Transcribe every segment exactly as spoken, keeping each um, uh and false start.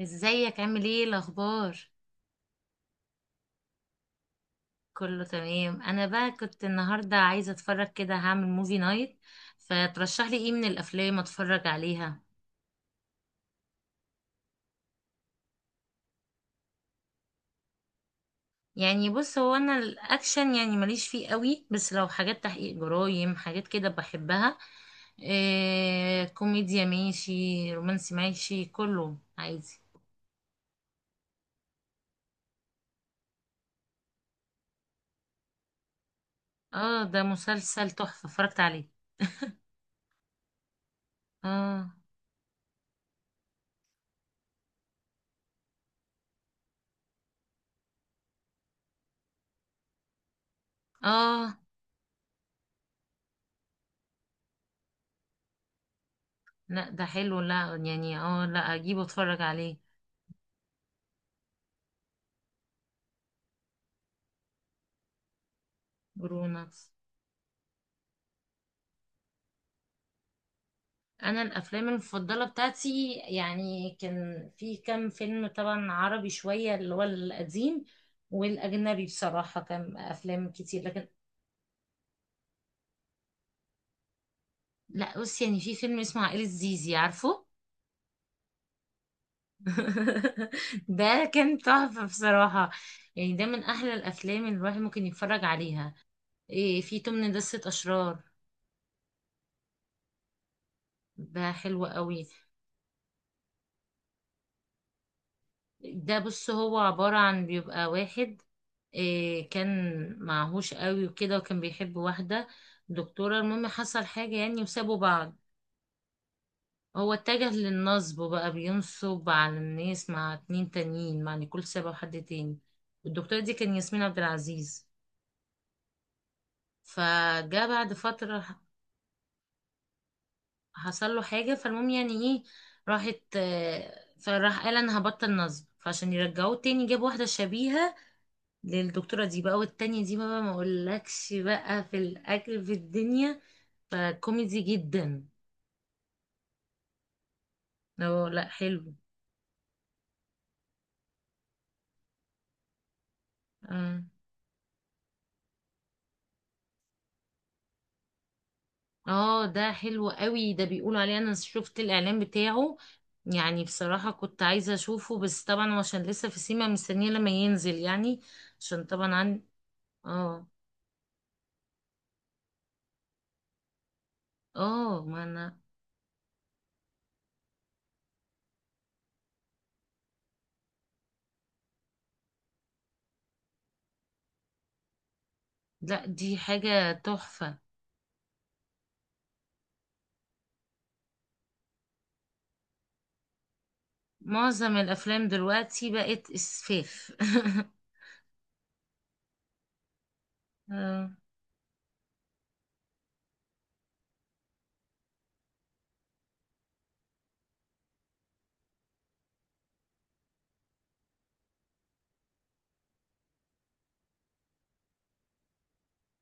ازيك؟ عامل ايه؟ الاخبار؟ كله تمام. انا بقى كنت النهارده عايزه اتفرج كده، هعمل موفي نايت، فترشح لي ايه من الافلام اتفرج عليها. يعني بص، هو انا الاكشن يعني ماليش فيه قوي، بس لو حاجات تحقيق جرايم حاجات كده بحبها. إيه، كوميديا ماشي، رومانسي ماشي، كله عادي. اه، ده مسلسل تحفه اتفرجت عليه. اه، اه، لا ده حلو، لا يعني اه لا اجيبه اتفرج عليه. جرونكس. انا الافلام المفضله بتاعتي يعني كان في كام فيلم، طبعا عربي شويه اللي هو القديم، والاجنبي بصراحه كان افلام كتير، لكن لا بص، يعني في فيلم اسمه عائله زيزي، عارفه؟ ده كان تحفه بصراحه. يعني ده من احلى الافلام اللي الواحد ممكن يتفرج عليها. إيه، في تمن دسة اشرار. ده حلو قوي. ده بص، هو عباره عن بيبقى واحد، إيه، كان معهوش قوي وكده، وكان بيحب واحدة دكتورة. المهم حصل حاجة يعني، وسابوا بعض. هو اتجه للنصب بقى، بينصب على الناس مع اتنين تانيين، مع نيكول سابا وحد تاني. والدكتورة دي كان ياسمين عبد العزيز. فجاء بعد فترة ح- حصل له حاجة. فالمهم يعني ايه، راحت آه، فراح قال انا هبطل نصب، فعشان يرجعوه تاني جاب واحدة شبيهة للدكتورة دي بقى، والتانية دي بقى ما اقولكش بقى في الأكل في الدنيا. فكوميدي جدا. اه لا، حلو. اه، آه، ده حلو قوي، ده بيقولوا عليه، انا شفت الاعلان بتاعه. يعني بصراحة كنت عايزة اشوفه، بس طبعا هو عشان لسه في سيما، مستنية لما ينزل يعني، عشان طبعا عن. اه، اه، ما انا. لا دي حاجة تحفة. معظم الافلام دلوقتي بقت اسفاف. آه.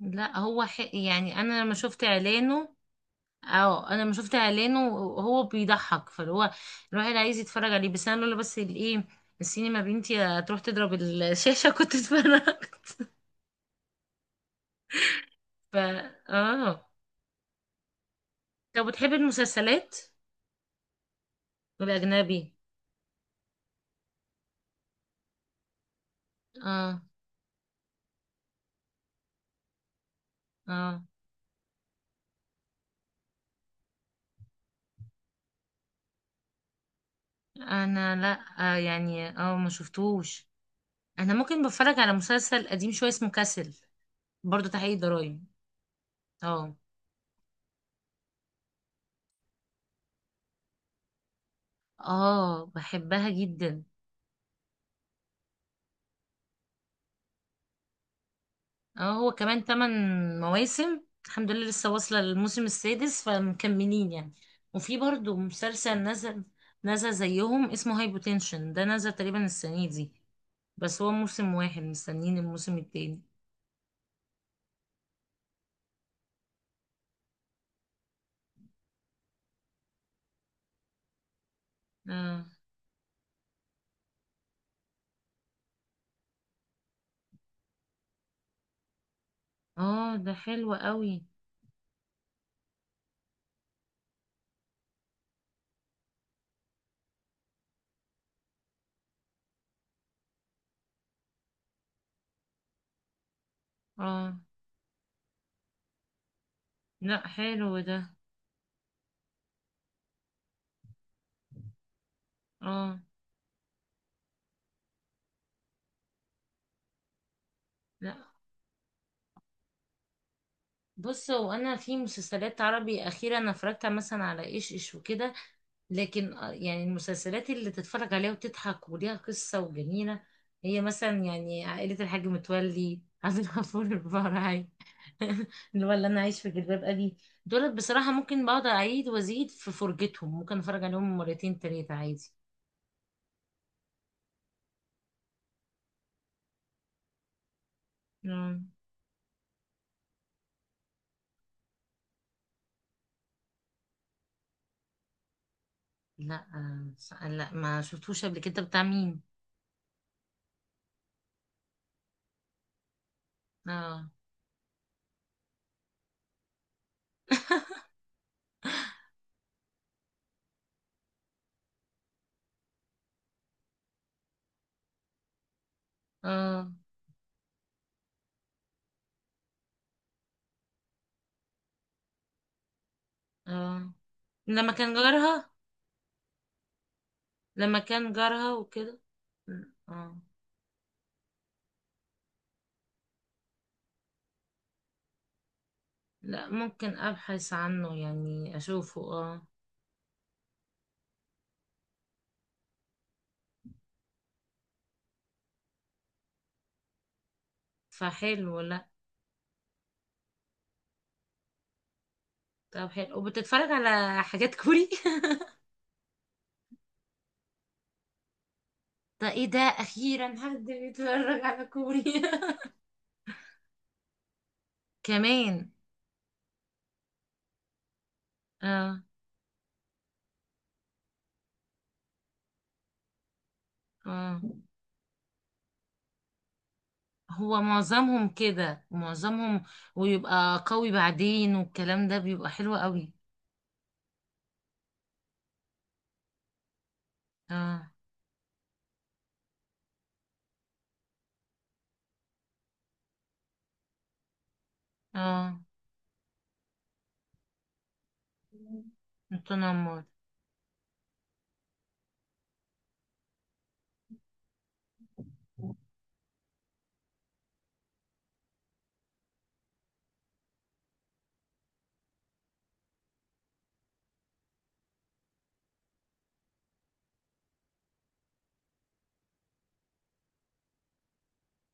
لا هو ح... يعني انا لما شفت اعلانه. اه، انا لما شفت اعلانه هو بيضحك، فاللي هو الواحد عايز يتفرج عليه، بس انا لولا بس الايه، السينما بنتي هتروح تضرب الشاشة، كنت اتفرجت. ف. اه، طب بتحب المسلسلات الاجنبي؟ اه، اه، انا لا آه يعني اه ما شفتوش. انا ممكن بتفرج على مسلسل قديم شوية اسمه كاسل، برضو تحقيق ضرايب. اه، اه، بحبها جدا. اه، هو كمان تمن مواسم، الحمد لله لسه واصلة للموسم السادس، فمكملين يعني. وفي برضو مسلسل نزل نزل زيهم اسمه هاي بوتنشن، ده نزل تقريبا السنة دي، بس هو موسم واحد، مستنيين الموسم التاني. اه، اه، ده حلو قوي. اه لا، حلو ده. اه لا، بص هو انا في مسلسلات عربي، اخيرا انا اتفرجت مثلا على ايش ايش وكده، لكن آه، يعني المسلسلات اللي تتفرج عليها وتضحك وليها قصة وجميلة، هي مثلا يعني عائلة الحاج متولي، عبد الغفور البرعي، اللي هو اللي انا، عايش في جلباب ابي. دول بصراحة ممكن بقعد اعيد وازيد في فرجتهم، ممكن اتفرج عليهم مرتين تلاتة عادي. مم. لا آه، ص- لا ما شفتوش قبل كده. بتاع مين؟ اه. اه، اه، لما كان جارها. لما كان جارها وكده. اه، لا ممكن ابحث عنه يعني اشوفه، اه فحلو، لا. طب حلو، وبتتفرج على حاجات كوري؟ ده ايه ده، اخيرا حد بيتفرج على كوري. كمان. اه، اه، هو معظمهم كده، معظمهم ويبقى قوي بعدين، والكلام ده بيبقى حلو قوي. اه، اه، التنمر.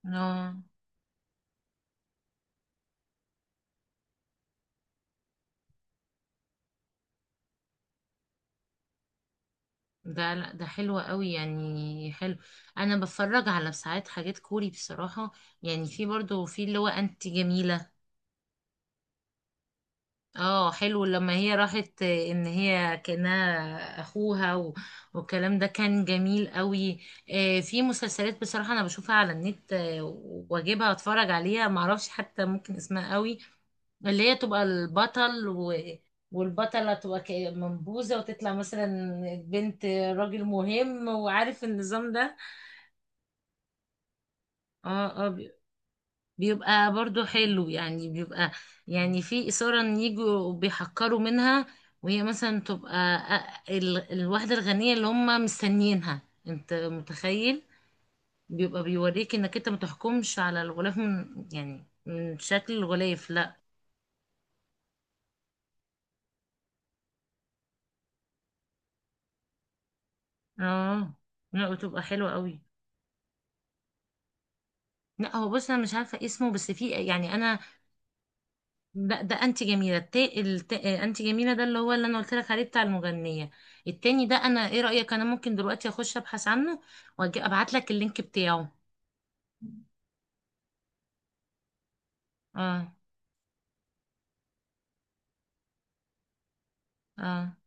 اه، ده لا ده حلو قوي يعني، حلو. انا بتفرج على ساعات حاجات كوري بصراحة. يعني في برضو في اللي هو انت جميلة. اه حلو، لما هي راحت آه، ان هي كانها اخوها و... والكلام ده كان جميل قوي. آه في مسلسلات بصراحة انا بشوفها على النت، آه واجيبها اتفرج عليها، معرفش حتى ممكن اسمها قوي. اللي هي تبقى البطل و... والبطلة تبقى ك- منبوذة، وتطلع مثلا بنت راجل مهم، وعارف النظام ده. اه، اه، بي- بيبقى برضو حلو يعني، بيبقى يعني في إثارة، ان يجوا بيحقروا منها، وهي مثلا تبقى أ- ال- الواحدة الغنية اللي هم مستنيينها. انت متخيل، بيبقى بيوريك انك انت متحكمش على الغلاف، من يعني من شكل الغلاف، لا. اه لا، بتبقى حلوة قوي. لا هو بص، انا مش عارفه اسمه، بس في يعني انا، ده, ده انتي جميله، التاء الت... انتي جميله، ده اللي هو اللي انا قلت لك عليه بتاع المغنيه. التاني ده انا، ايه رايك، انا ممكن دلوقتي اخش ابحث عنه واجي ابعت لك اللينك بتاعه. اه، اه،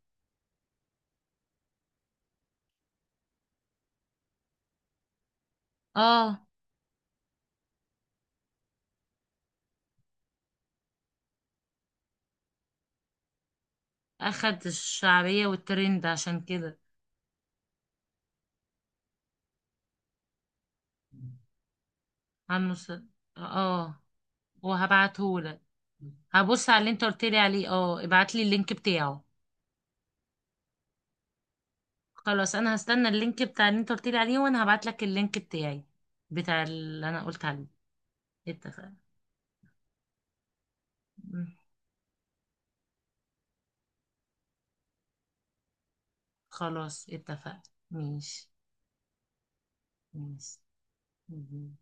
اه، اخد الشعبيه والترند عشان كده. عم مس... اه، وهبعته لك. هبص على اللي انت قلت لي عليه، اه ابعت لي اللينك بتاعه. خلاص، انا هستنى اللينك بتاع اللي انت قلت لي عليه، وانا هبعت لك اللينك بتاعي بتاع اللي انا قلت عليه. اتفقنا. مم. خلاص اتفقنا. ماشي. ماشي. مم.